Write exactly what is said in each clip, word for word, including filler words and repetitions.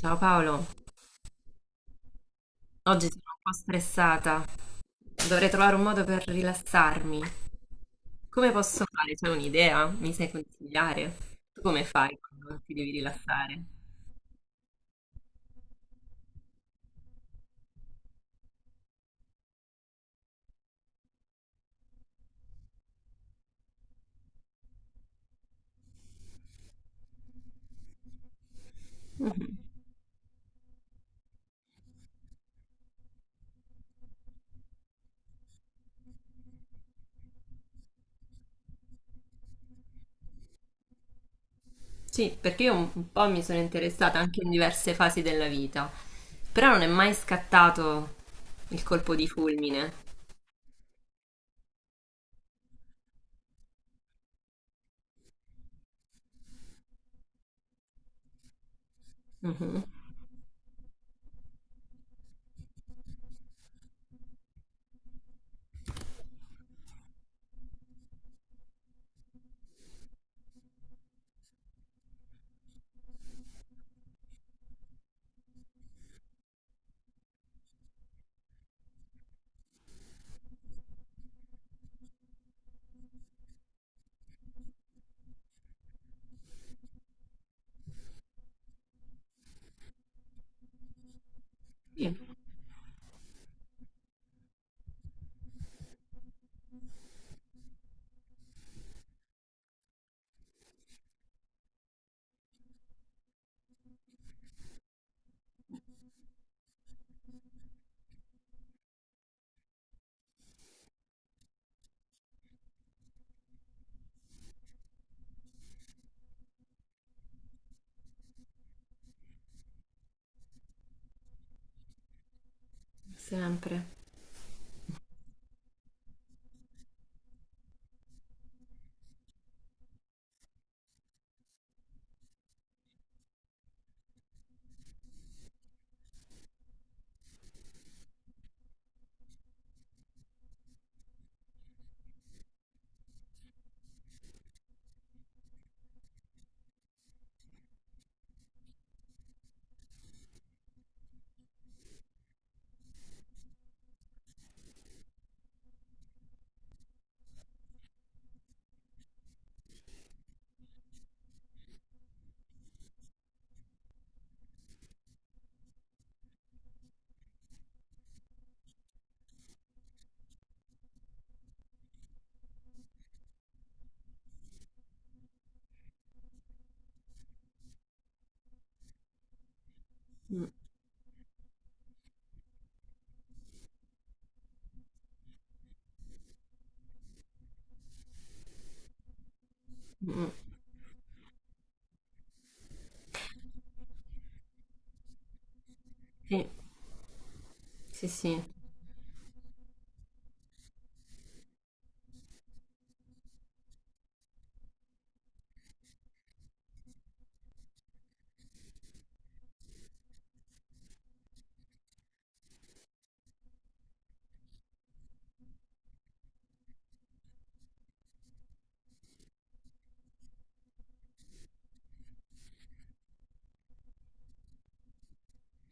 Ciao Paolo, oggi sono un po' stressata. Dovrei trovare un modo per rilassarmi. Come posso fare? C'è un'idea? Mi sai consigliare? Tu come fai quando ti devi rilassare? Mhm. Sì, perché io un un po' mi sono interessata anche in diverse fasi della vita, però non è mai scattato il colpo di fulmine. Mhm. Sì, sempre. Mm, mm, mm. Sì, sì, sì,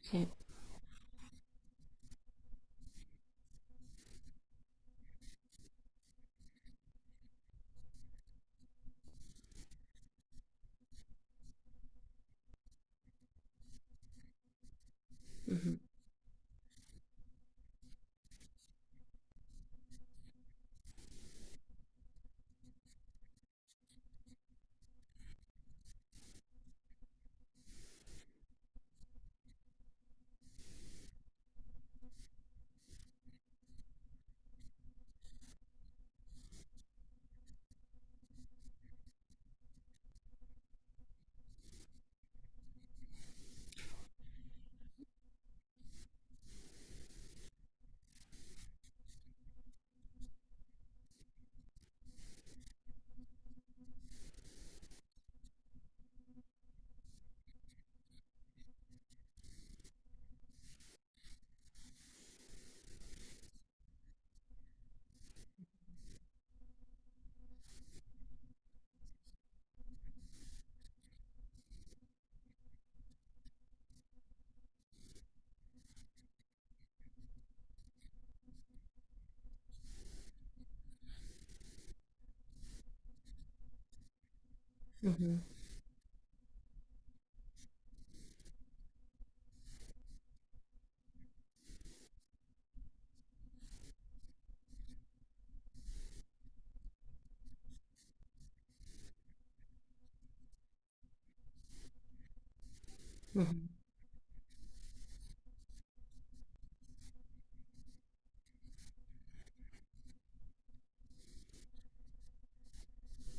sì. Mhm, mhm, mhm,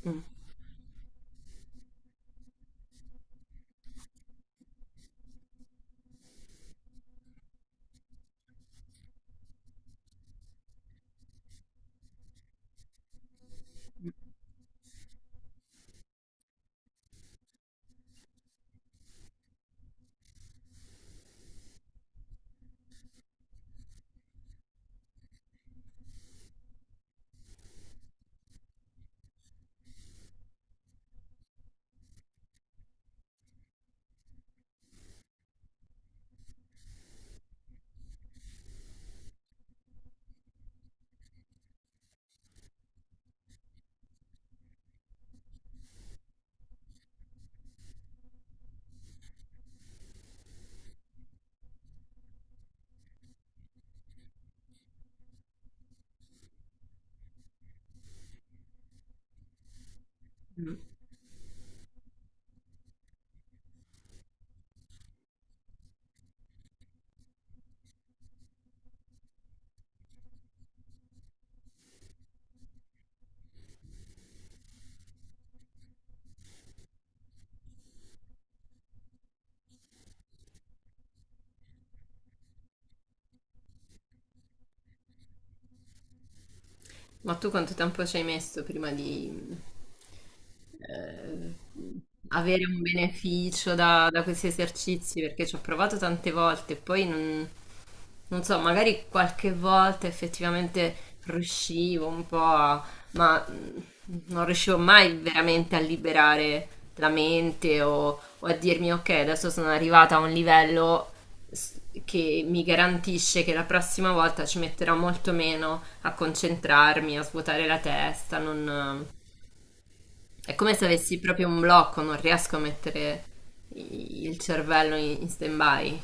mm, mm. Ma tu quanto tempo ci hai messo prima di eh, avere un beneficio da, da questi esercizi? Perché ci ho provato tante volte e poi non, non so, magari qualche volta effettivamente riuscivo un po' a, ma mm, non riuscivo mai veramente a liberare la mente o, o a dirmi ok, adesso sono arrivata a un livello s- che mi garantisce che la prossima volta ci metterò molto meno a concentrarmi, a svuotare la testa, non- è come se avessi proprio un blocco, non riesco a mettere i- il cervello in, in stand-by.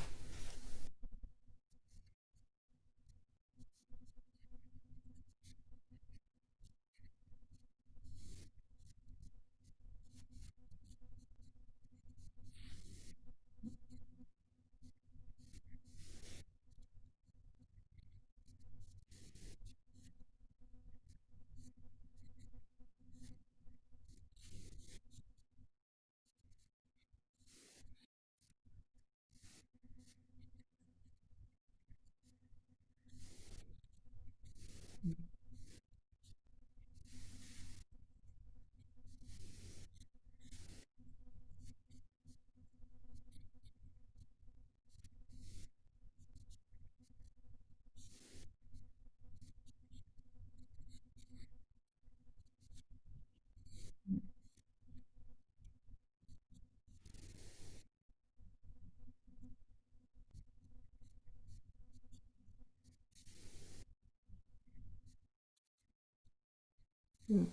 Mm.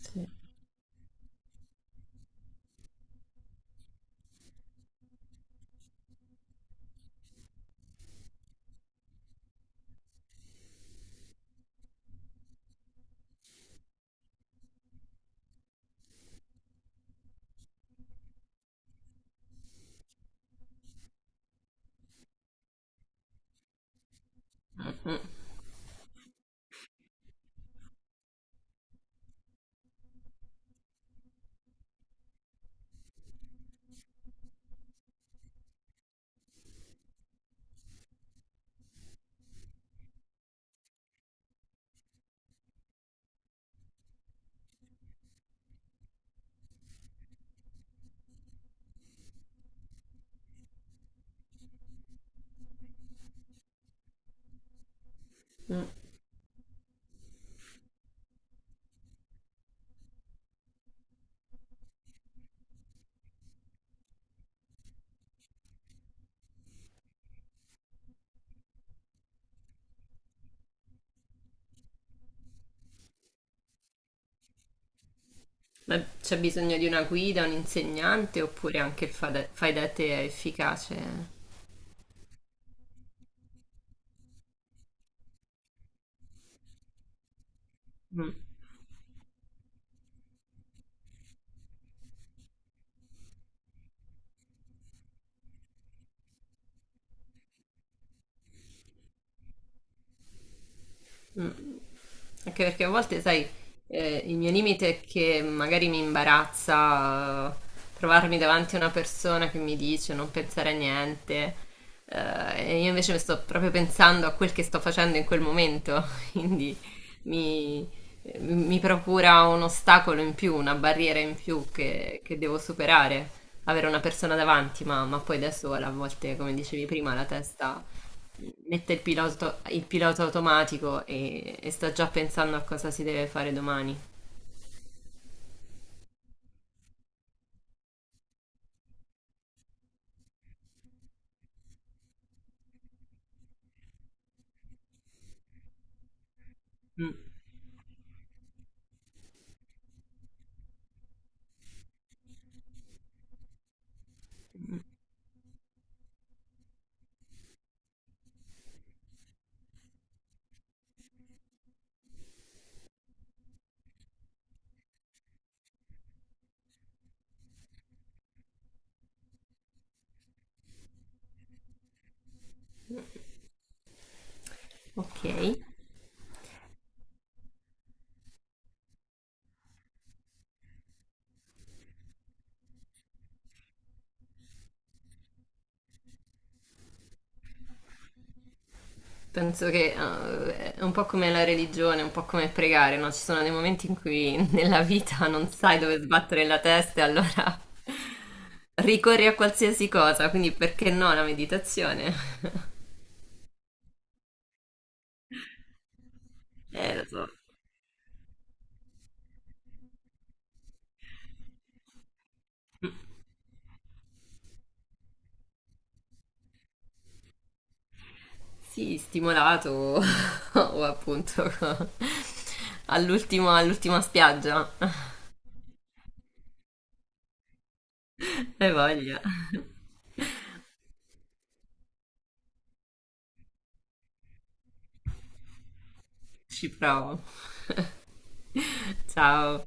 Sì. Mm-mm. Mm. Ma c'è bisogno di una guida, un insegnante oppure anche il fade- fai da te è efficace? Mm, mm. Anche perché a volte, sai, eh, il mio limite è che magari mi imbarazza eh, trovarmi davanti a una persona che mi dice non pensare a niente, eh, e io invece mi sto proprio pensando a quel che sto facendo in quel momento, quindi mi, mi procura un ostacolo in più, una barriera in più che, che devo superare. Avere una persona davanti, ma, ma poi da sola, a volte, come dicevi prima, la testa mette il pilota, il pilota automatico e, e sta già pensando a cosa si deve fare domani. Mm. Ok, penso che eh, è un po' come la religione, un po' come pregare, no? Ci sono dei momenti in cui nella vita non sai dove sbattere la testa e allora ricorri a qualsiasi cosa, quindi perché no la meditazione? Eh, lo so. Mm. Sì, stimolato o appunto all'ultimo- all'ultima spiaggia. Hai voglia. Ci provo. Ciao.